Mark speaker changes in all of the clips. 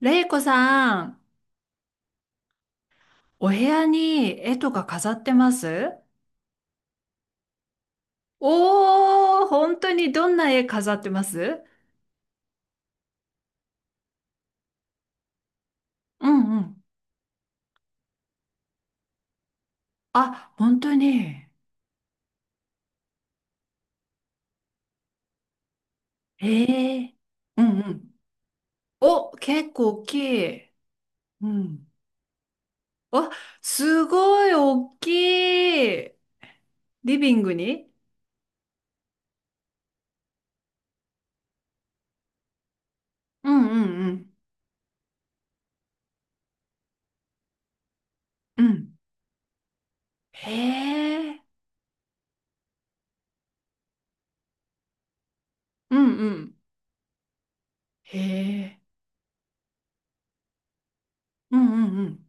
Speaker 1: れいこさん、お部屋に絵とか飾ってます？おー、本当にどんな絵飾ってます？うんうん。あ、本当に。ええ、うんうん。お、結構大きい。うん。あ、すごい大きい。リビングに？うんうんうん。うん。へえ。うんうん。へえ。うんうん。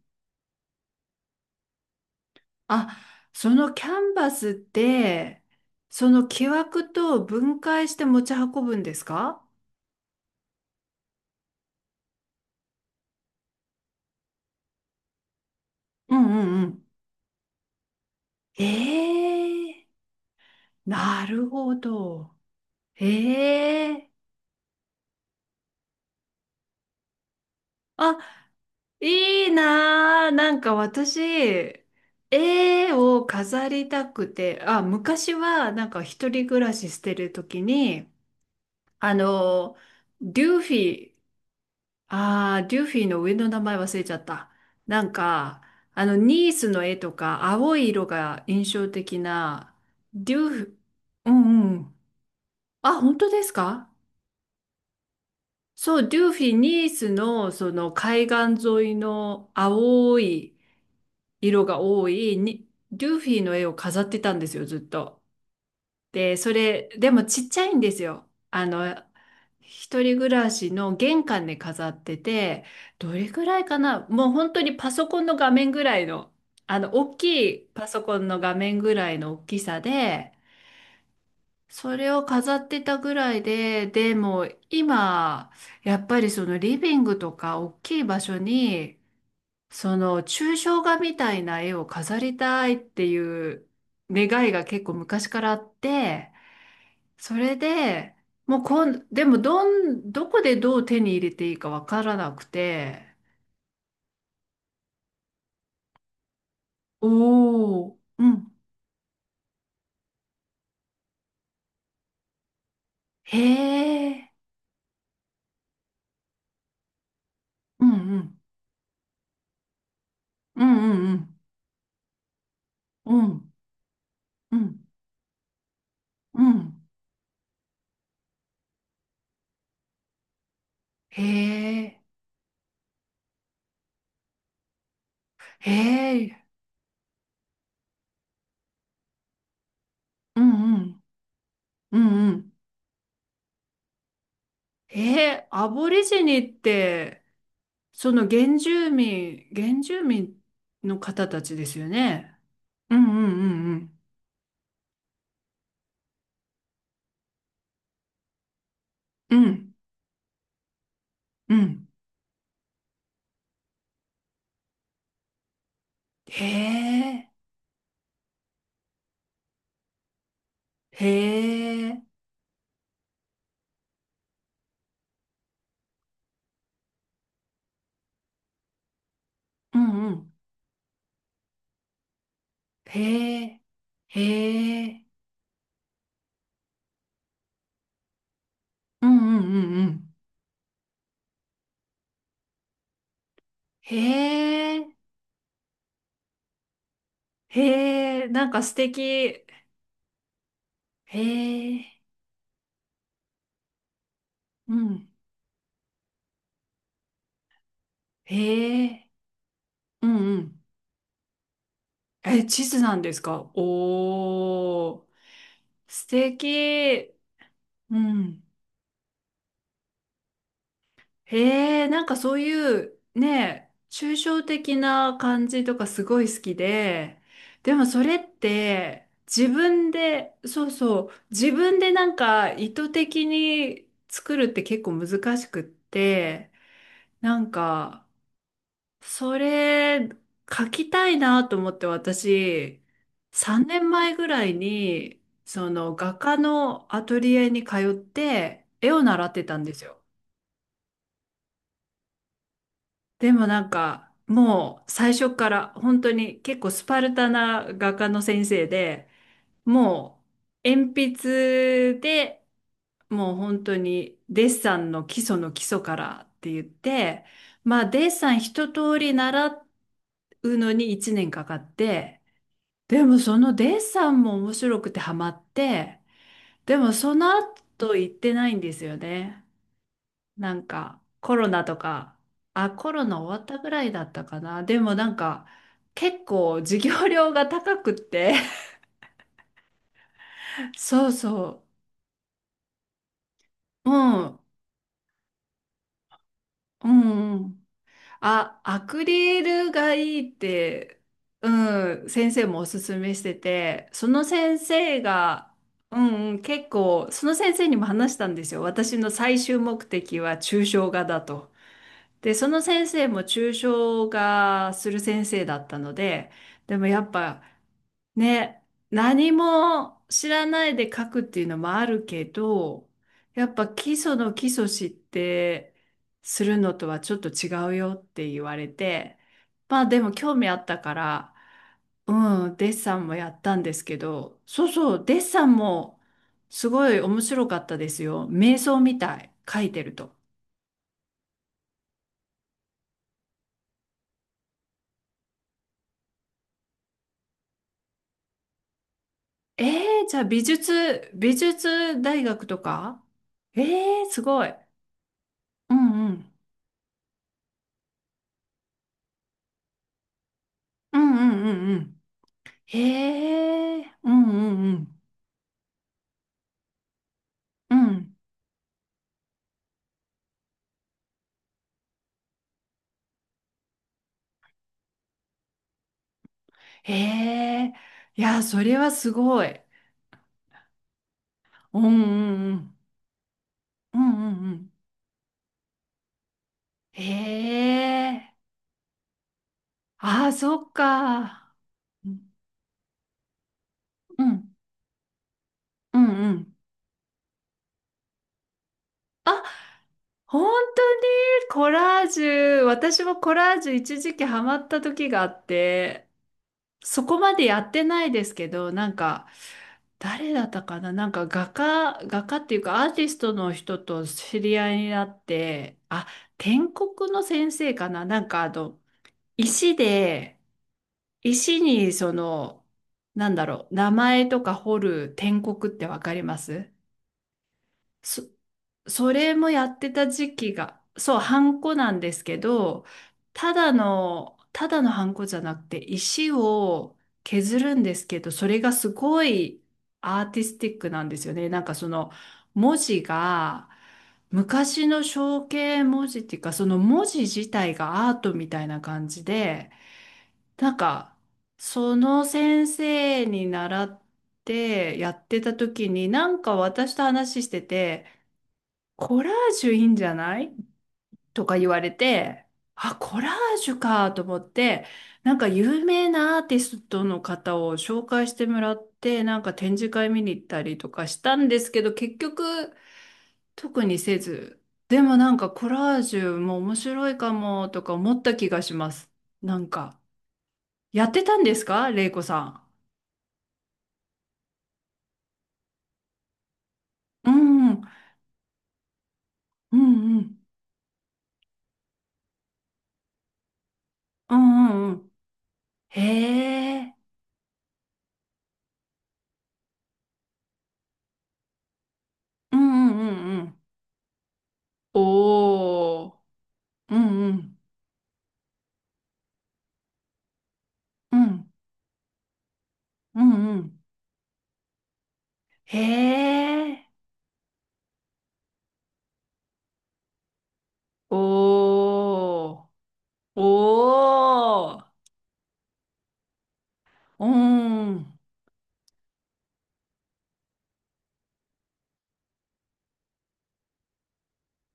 Speaker 1: あ、そのキャンバスって、その木枠と分解して持ち運ぶんですか？うんうんうん。ええ。なるほど。ええ。あ、いいなー。なんか私、絵を飾りたくて、あ、昔はなんか一人暮らししてる時に、あの、デューフィー、ああ、デューフィーの上の名前忘れちゃった。なんか、あの、ニースの絵とか、青い色が印象的な、デューフ、うんうん。あ、本当ですか？そう、デューフィー、ニースの、その、海岸沿いの青い色が多いに、デューフィーの絵を飾ってたんですよ、ずっと。で、それ、でもちっちゃいんですよ。あの、一人暮らしの玄関で飾ってて、どれぐらいかな、もう本当にパソコンの画面ぐらいの、あの、大きいパソコンの画面ぐらいの大きさで、それを飾ってたぐらいで、でも今、やっぱりそのリビングとか大きい場所に、その抽象画みたいな絵を飾りたいっていう願いが結構昔からあって、それで、もうこん、でもどん、どこでどう手に入れていいかわからなくて、おお、うん、へえ、うんうん、うんうんうん、うんうんうん、へえ、へえ、うんうん、うんうん、へえ、アボリジニって、その原住民、原住民の方たちですよね？うんうんうんうん、うんうん、へえ、へえ、うんうん。へえ、へえ、うんうんうんうん。へえ、へえ、なんか素敵。へえ、うん、へえ、うんうん。え、地図なんですか？おー、素敵。うん、へえ、なんかそういうね、抽象的な感じとかすごい好きで、でもそれって自分で、そうそう、自分でなんか意図的に作るって結構難しくって、なんかそれ書きたいなと思って私、3年前ぐらいにその画家のアトリエに通って絵を習ってたんですよ。でもなんか、もう最初から本当に結構スパルタな画家の先生で、もう鉛筆で、もう本当にデッサンの基礎の基礎からって言って、まあデッサン一通り習うのに1年かかって、でもそのデッサンも面白くてハマって、でもその後行ってないんですよね。なんかコロナとか、あ、コロナ終わったぐらいだったかな。でもなんか結構授業料が高くって そうそう。うん、うんうん。あ、アクリルがいいって、うん、先生もおすすめしてて、その先生が、うんうん、結構、その先生にも話したんですよ。私の最終目的は抽象画だと。で、その先生も抽象画する先生だったので、でもやっぱね、何も知らないで書くっていうのもあるけど、やっぱ基礎の基礎知ってするのとはちょっと違うよって言われて、まあでも興味あったから、うん、デッサンもやったんですけど、そうそう、デッサンもすごい面白かったですよ。瞑想みたい、書いてると。えー、じゃあ美術、美術大学とか？えー、すごい。うんうん。うんうんうんうん。へえ、うんうんうん。うん。へえ、いや、それはすごい。うんうんうん。うんうんうん。へえ、ああ、そっか。うんうんうんうん。あ、本当に。コラージュ、私もコラージュ一時期ハマった時があって、そこまでやってないですけど、なんか、誰だったかな、なんか画家、画家っていうかアーティストの人と知り合いになって、あ、篆刻の先生かな、なんかあの、石で、石にその、なんだろう、名前とか彫る篆刻ってわかります？そそれもやってた時期が、そう、ハンコなんですけど、ただの、ただのハンコじゃなくて、石を削るんですけど、それがすごいアーティスティックなんですよね。なんかその文字が、昔の象形文字っていうか、その文字自体がアートみたいな感じで、なんか、その先生に習ってやってた時に、なんか私と話してて、コラージュいいんじゃない？とか言われて、あ、コラージュかと思って、なんか有名なアーティストの方を紹介してもらって、なんか展示会見に行ったりとかしたんですけど、結局特にせず、でもなんかコラージュも面白いかもとか思った気がします。なんか、やってたんですか、レイコさん。うん、うん、うんうん、うんうん。へえ、うんうんうんうん。おー、うんうん。うん、うん、うん。へえ、おー、おー、うん。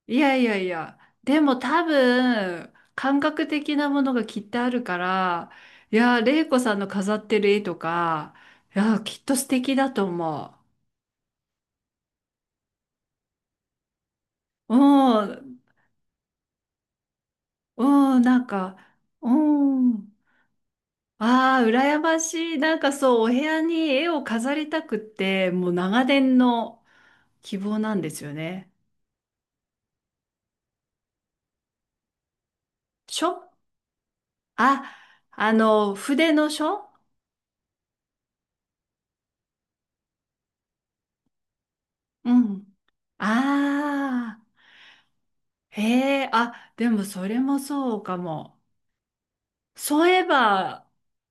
Speaker 1: いやいやいや、でも多分、感覚的なものがきっとあるから、いや、玲子さんの飾ってる絵とか、いや、きっと素敵だと思う。うん、うん、なんか、うん。ああ、羨ましい。なんかそう、お部屋に絵を飾りたくって、もう長年の希望なんですよね。しょっあ、あの、筆の書。うん。ああ、へえ、あ、でもそれもそうかも。そういえば、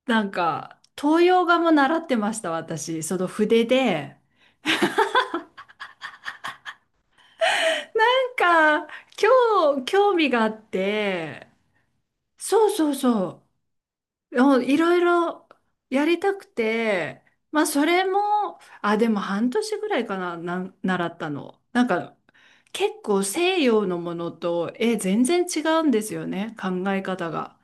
Speaker 1: なんか、東洋画も習ってました、私。その筆で。なんか、今日、興味があって、そうそうそう、うん、いろいろやりたくて、まあ、それも、あ、でも半年ぐらいかな、習ったの。なんか、結構西洋のものと、え、全然違うんですよね、考え方が。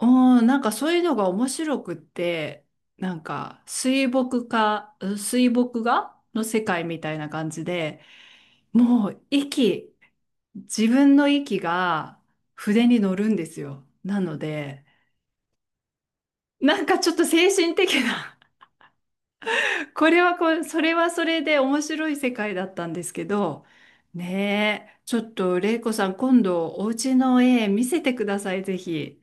Speaker 1: うん、なんかそういうのが面白くって、なんか水墨画、うん水墨画の世界みたいな感じで、もう息、自分の息が筆に乗るんですよ。なので、なんかちょっと精神的な これはこれ、それはそれで面白い世界だったんですけど、ねえ、ちょっと玲子さん、今度お家の絵見せてください、ぜひ。